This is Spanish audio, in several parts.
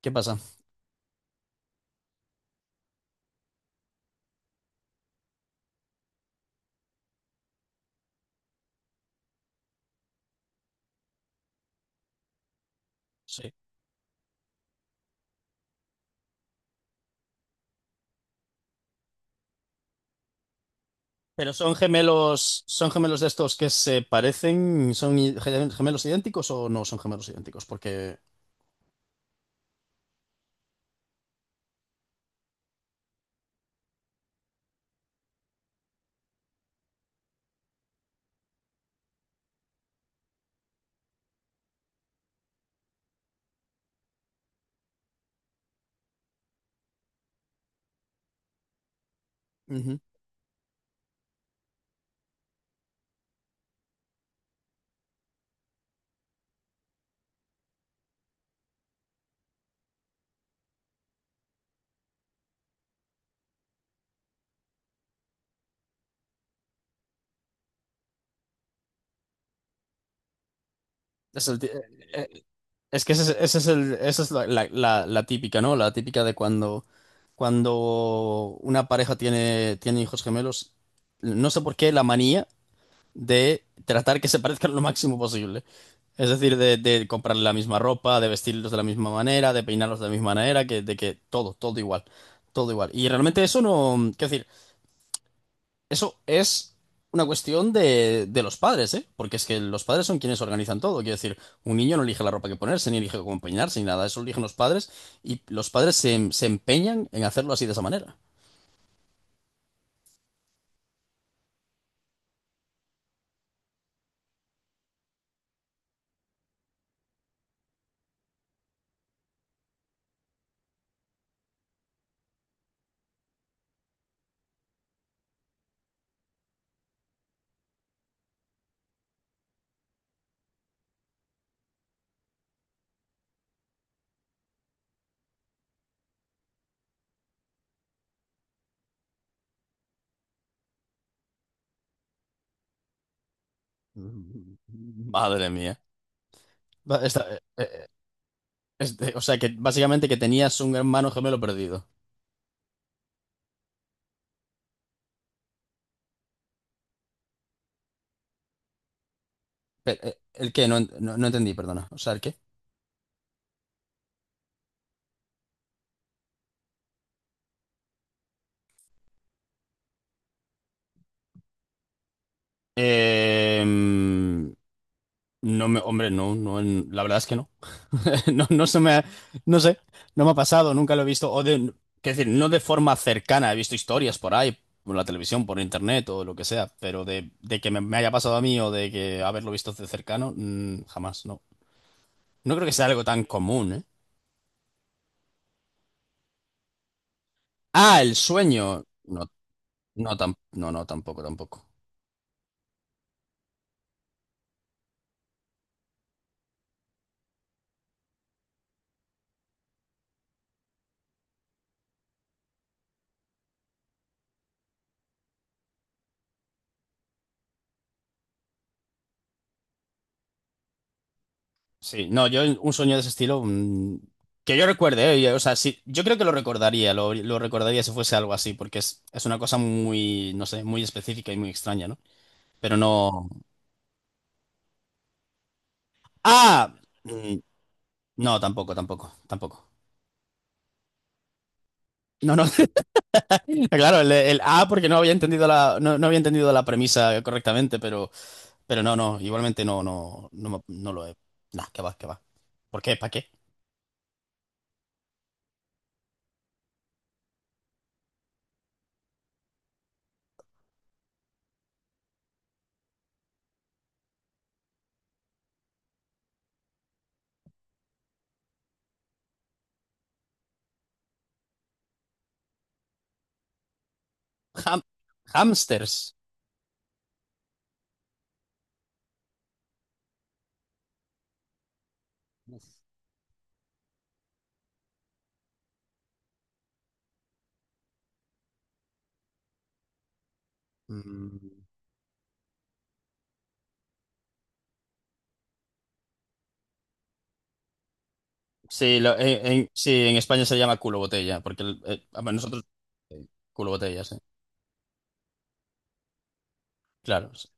¿Qué pasa? Sí. Pero son gemelos de estos que se parecen, gemelos idénticos o no son gemelos idénticos, porque… Ujú. Es el ti- eh, es que ese es el, esa es la, la- la- la típica, ¿no? La típica de cuando cuando una pareja tiene tiene hijos gemelos, no sé por qué la manía de tratar que se parezcan lo máximo posible. Es decir, de comprarle la misma ropa, de vestirlos de la misma manera, de peinarlos de la misma manera, que, de que todo, todo igual. Y realmente eso no, quiero decir, eso es una cuestión de los padres, ¿eh? Porque es que los padres son quienes organizan todo. Quiero decir, un niño no elige la ropa que ponerse, ni elige cómo peinarse, ni nada. Eso lo eligen los padres, y los padres se, se empeñan en hacerlo así de esa manera. Madre mía. Va- esta- eh, eh, o sea que básicamente que tenías un hermano gemelo perdido. ¿El qué? No, no, no entendí, perdona. O sea, ¿el qué? Eh, mm, no me, hombre, no, no, la verdad es que no. No, no sé, no me ha pasado, nunca lo he visto. O de, quiero decir, no de forma cercana. He visto historias por ahí, por la televisión, por internet o lo que sea, pero de que me haya pasado a mí o de que haberlo visto de cercano, mm, jamás, no. No creo que sea algo tan común, ¿eh? Ah, el sueño. No, no, no, no, tampoco, tampoco. Sí, no, yo un sueño de ese estilo, que yo recuerde, ¿eh? Y, o sea, sí, yo creo que lo recordaría si fuese algo así, porque es una cosa muy, no sé, muy específica y muy extraña, ¿no? Pero no… ¡Ah! Mm, No, tampoco, tampoco, tampoco. No, no, claro, porque no había entendido la, no, no había entendido la premisa correctamente, pero no, no, igualmente no, no, no, no lo he. Nah, que va, que va. ¿Por qué? ¿Para qué? Ham- hamsters. Mm. Sí, sí, en España se llama culo botella, porque bueno, nosotros eh, culo botella, sí. Claro. Sí.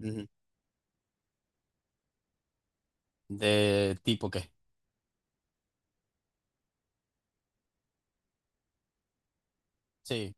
Ujú. ¿De tipo qué? Sí.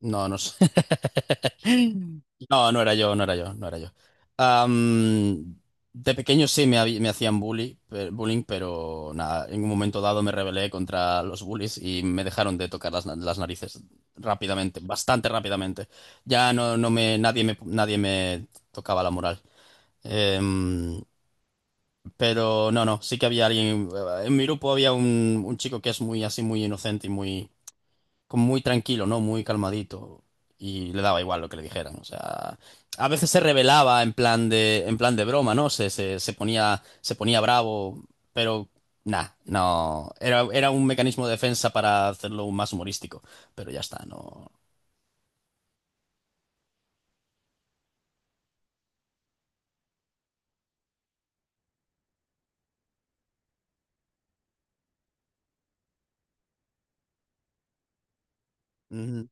No, no sé. No, no era yo, no era yo, no era yo. Am, de pequeño sí me, me hacían bullying, pero nada, en un momento dado me rebelé contra los bullies y me dejaron de tocar las, las narices rápidamente, bastante rápidamente. Ya no, no me, nadie me, nadie me tocaba la moral. Em, Pero no, no, sí que había alguien. En mi grupo había un chico que es muy así, muy inocente y muy, como muy tranquilo, ¿no? Muy calmadito. Y le daba igual lo que le dijeran. O sea, a veces se rebelaba en plan de broma, ¿no? Se, se ponía bravo, pero nada, no. Era, era un mecanismo de defensa para hacerlo más humorístico. Pero ya está, no. Mm,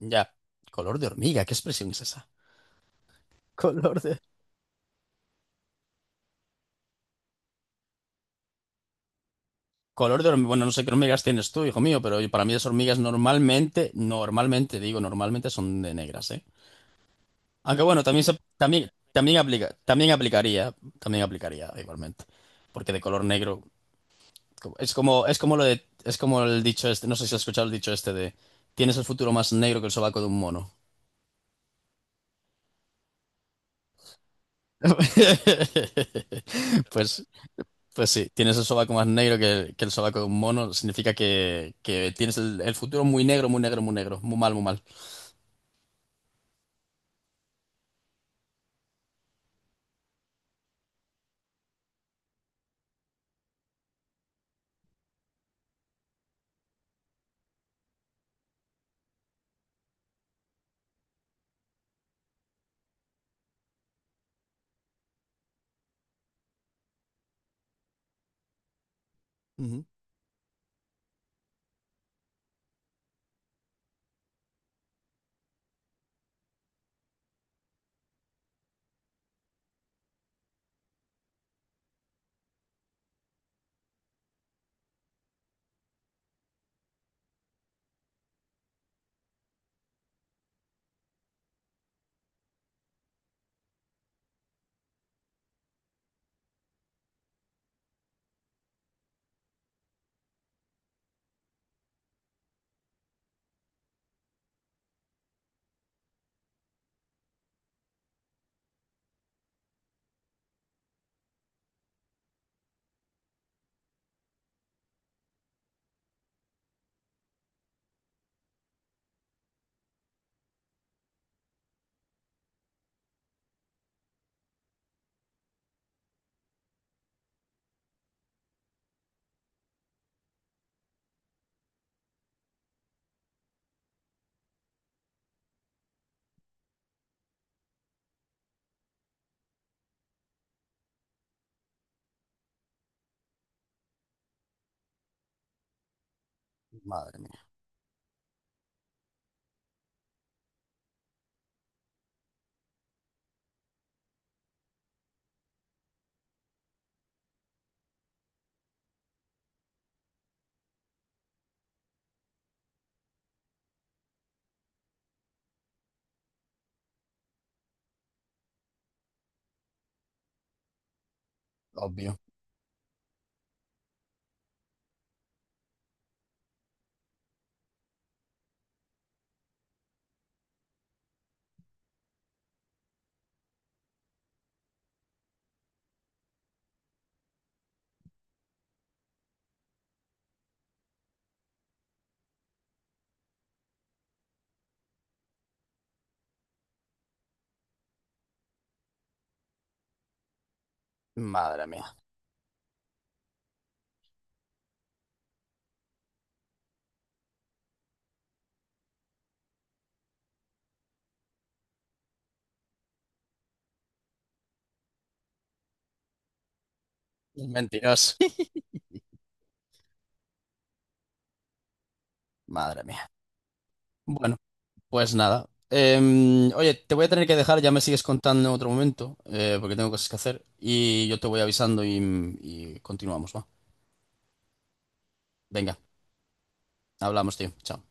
ya. Color de hormiga, ¿qué expresión es esa? Color de… color de hormigas. Bueno, no sé qué hormigas tienes tú, hijo mío, pero para mí las hormigas normalmente, normalmente, digo, normalmente son de negras, ¿eh? Aunque bueno, también aplica, también aplicaría igualmente. Porque de color negro es como lo de, es como el dicho este, no sé si has escuchado el dicho este de… tienes el futuro más negro que el sobaco de un mono. Pues, pues sí, tienes el sobaco más negro que el sobaco de un mono, significa que tienes el futuro muy negro, muy negro, muy negro, muy mal, muy mal. Ujú. Madre mía, obvio. Madre mía. Mentiras. Madre mía. Bueno, pues nada. Oye, te voy a tener que dejar, ya me sigues contando en otro momento, porque tengo cosas que hacer. Y yo te voy avisando y continuamos, ¿va? Venga, hablamos, tío. Chao.